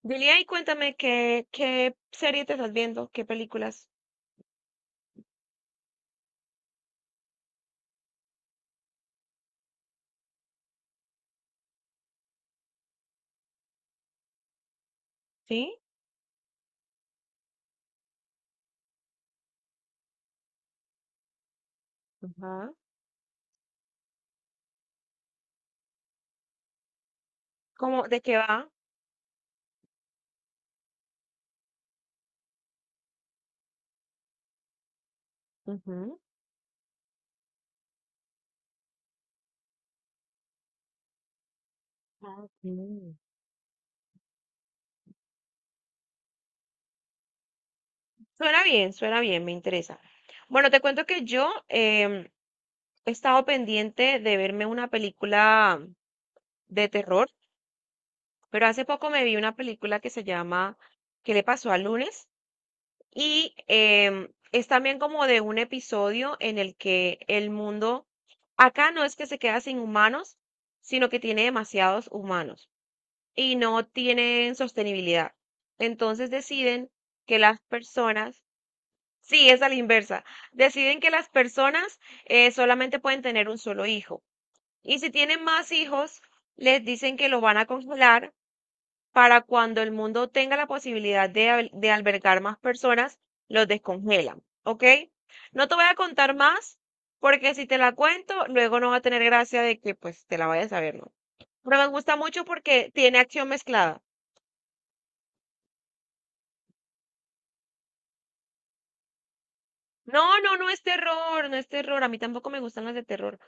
Julia, y cuéntame qué serie te estás viendo, qué películas. ¿Sí? Ajá. ¿Cómo, de qué va? Ujú. Ah, ok. Suena bien, me interesa. Bueno, te cuento que yo he estado pendiente de verme una película de terror, pero hace poco me vi una película que se llama ¿Qué le pasó al lunes? Y es también como de un episodio en el que el mundo, acá no es que se queda sin humanos, sino que tiene demasiados humanos y no tienen sostenibilidad. Entonces deciden que las personas, sí, es a la inversa, deciden que las personas solamente pueden tener un solo hijo. Y si tienen más hijos, les dicen que lo van a congelar para cuando el mundo tenga la posibilidad de, de albergar más personas, los descongelan, ¿ok? No te voy a contar más, porque si te la cuento, luego no va a tener gracia de que pues te la vayas a ver, ¿no? Pero me gusta mucho porque tiene acción mezclada. No, no, no es terror, no es terror. A mí tampoco me gustan las de terror.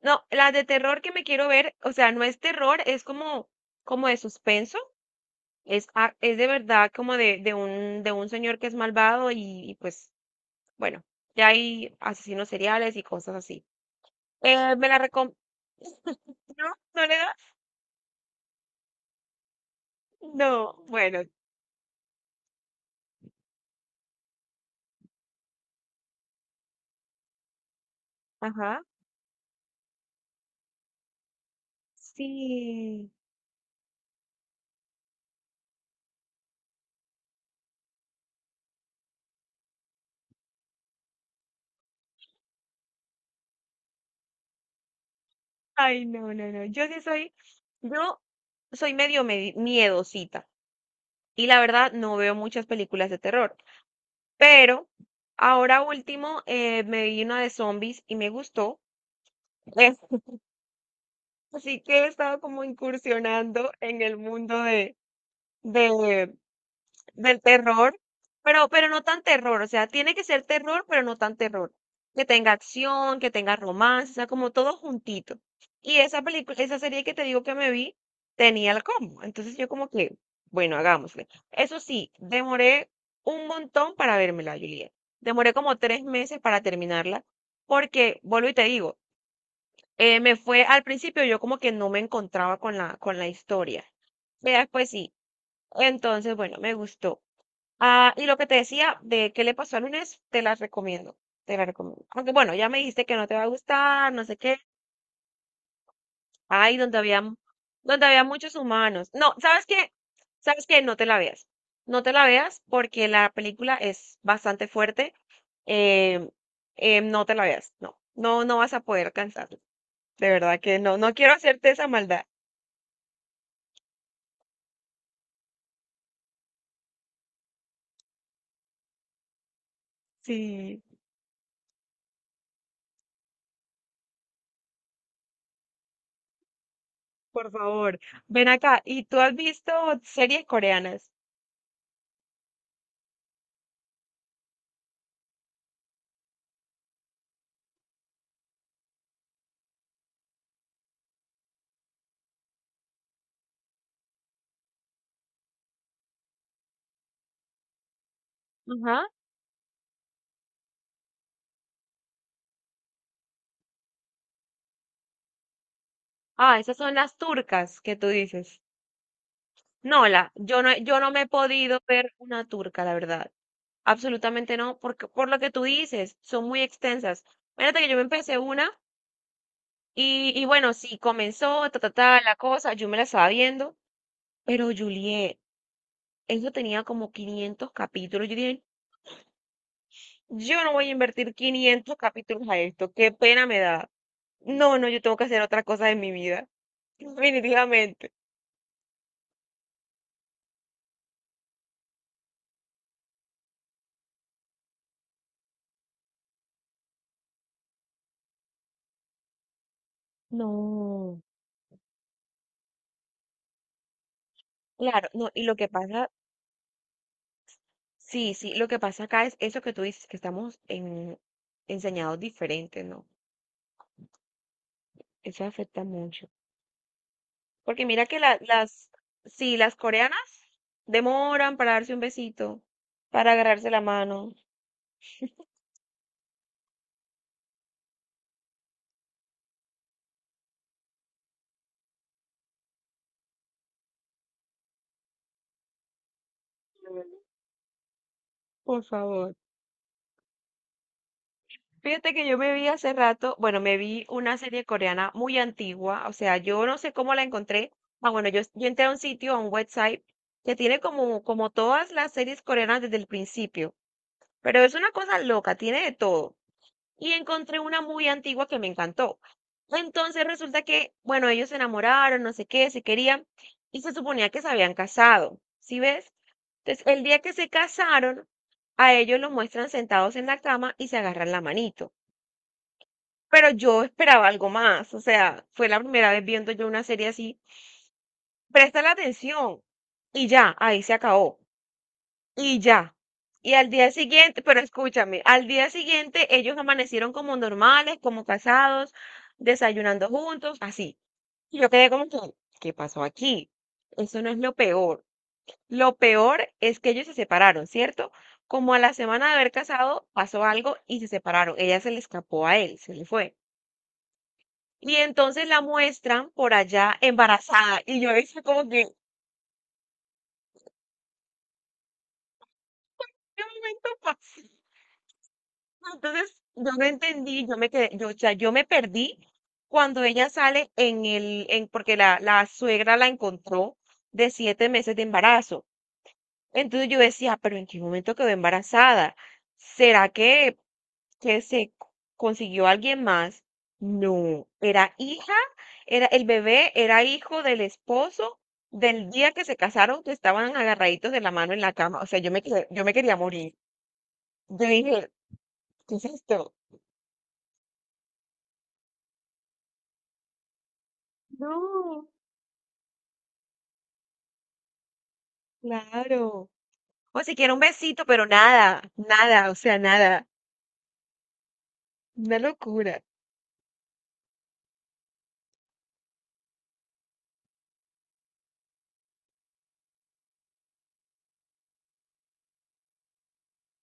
No, las de terror que me quiero ver, o sea, no es terror, es como, como de suspenso. Es, es de verdad como de un señor que es malvado y pues bueno, ya hay asesinos seriales y cosas así. ¿Me la recom... ¿No? ¿No le das? No, bueno, ajá. Sí. Ay, no, no, no. Yo sí soy, yo soy miedosita y la verdad no veo muchas películas de terror, pero ahora último me vi una de zombies y me gustó. Eh, así que he estado como incursionando en el mundo de, de, del terror, pero no tan terror, o sea, tiene que ser terror, pero no tan terror. Que tenga acción, que tenga romance, o sea, como todo juntito. Y esa película, esa serie que te digo que me vi, tenía el combo. Entonces yo como que, bueno, hagámosle. Eso sí, demoré un montón para vérmela, Juliet. Demoré como 3 meses para terminarla, porque, vuelvo y te digo, me fue al principio yo como que no me encontraba con la historia. Ya después sí. Entonces, bueno, me gustó. Ah, y lo que te decía de qué le pasó al lunes, te la recomiendo, te la recomiendo. Aunque bueno, ya me dijiste que no te va a gustar, no sé qué. Ay, donde había, donde había muchos humanos. No, ¿sabes qué? ¿Sabes qué? No te la veas. No te la veas porque la película es bastante fuerte. em, no te la veas. No, no, no vas a poder alcanzarla. De verdad que no, no quiero hacerte esa maldad. Sí, por favor. Ven acá. ¿Y tú has visto series coreanas? Ajá. Ah, esas son las turcas que tú dices. No, la, yo no, yo no me he podido ver una turca, la verdad. Absolutamente no, porque por lo que tú dices, son muy extensas. Fíjate que yo me empecé una y bueno, sí, comenzó ta, ta, ta, la cosa, yo me la estaba viendo, pero Juliet, eso tenía como 500 capítulos. Yo dije, yo no voy a invertir 500 capítulos a esto, qué pena me da. No, no, yo tengo que hacer otra cosa en mi vida, definitivamente. No, claro, no, y lo que pasa sí, sí, lo que pasa acá es eso que tú dices, que estamos en, enseñados diferentes, ¿no? Eso afecta mucho. Porque mira que las, sí, las coreanas demoran para darse un besito, para agarrarse la mano. Por favor. Fíjate que yo me vi hace rato, bueno, me vi una serie coreana muy antigua, o sea, yo no sé cómo la encontré. Ah, bueno, yo entré a un sitio, a un website, que tiene como, como todas las series coreanas desde el principio, pero es una cosa loca, tiene de todo. Y encontré una muy antigua que me encantó. Entonces resulta que, bueno, ellos se enamoraron, no sé qué, se querían y se suponía que se habían casado, ¿sí ves? Entonces, el día que se casaron, a ellos los muestran sentados en la cama y se agarran la manito. Pero yo esperaba algo más, o sea, fue la primera vez viendo yo una serie así. Presta la atención y ya, ahí se acabó. Y ya. Y al día siguiente, pero escúchame, al día siguiente ellos amanecieron como normales, como casados, desayunando juntos, así. Y yo quedé como que, ¿qué pasó aquí? Eso no es lo peor. Lo peor es que ellos se separaron, ¿cierto? Como a la semana de haber casado, pasó algo y se separaron. Ella se le escapó a él, se le fue. Y entonces la muestran por allá embarazada. Y yo decía como que, ¿qué momento pasó? Entonces, yo no entendí, yo me quedé, yo, o sea, yo me perdí cuando ella sale en el, en, porque la suegra la encontró de 7 meses de embarazo. Entonces yo decía, pero ¿en qué momento quedó embarazada? ¿Será que, que se co- consiguió alguien más? No, era hija, era, el bebé era hijo del esposo del día que se casaron, que estaban agarraditos de la mano en la cama. O sea, yo me, yo me quería morir. Yo dije, ¿qué es esto? No. Claro. O si quiere un besito, pero nada, nada, o sea, nada. Una locura.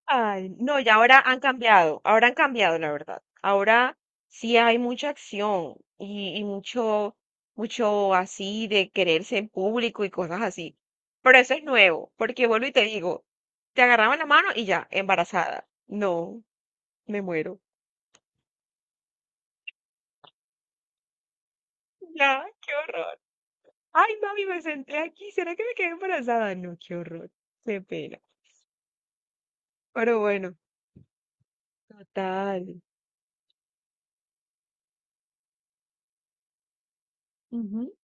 Ay, no, y ahora han cambiado, la verdad. Ahora sí hay mucha acción y mucho, mucho así de quererse en público y cosas así. Pero eso es nuevo, porque vuelvo y te digo, te agarraban la mano y ya, embarazada. No, me muero. Ya, qué horror. Ay, mami, me senté aquí, ¿será que me quedé embarazada? No, qué horror. Qué pena. Pero bueno. Total. Ujú.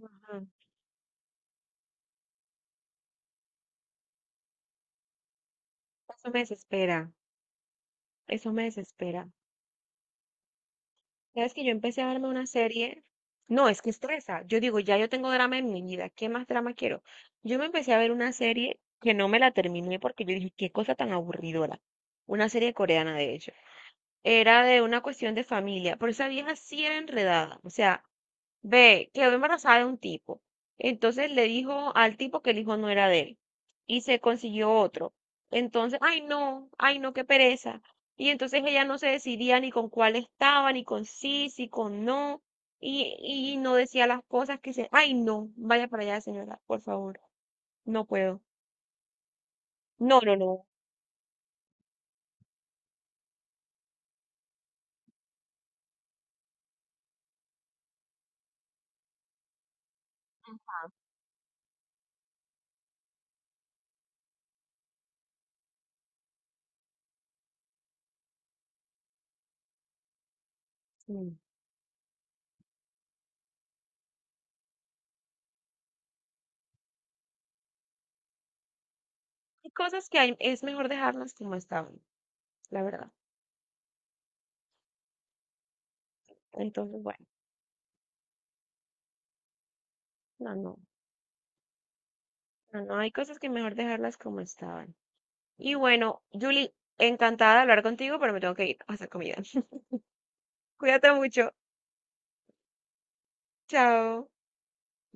Ajá. Eso me desespera, eso me desespera. Sabes que yo empecé a verme una serie, no, es que estresa. Yo digo, ya yo tengo drama en mi vida, ¿qué más drama quiero? Yo me empecé a ver una serie que no me la terminé porque yo dije, qué cosa tan aburridora. Una serie coreana, de hecho. Era de una cuestión de familia, pero esa vieja sí era enredada. O sea, ve, quedó embarazada de un tipo. Entonces le dijo al tipo que el hijo no era de él y se consiguió otro. Entonces, ay no, qué pereza. Y entonces ella no se decidía ni con cuál estaba, ni con sí, sí con no, y no decía las cosas que se, ay no, vaya para allá, señora, por favor, no puedo. No, no, no. Mm. Hay cosas que hay, es mejor dejarlas como estaban, la verdad. Entonces, bueno, no, no, no, no, hay cosas que mejor dejarlas como estaban. Y bueno, Julie, encantada de hablar contigo, pero me tengo que ir a hacer comida. Cuídate mucho. Chao.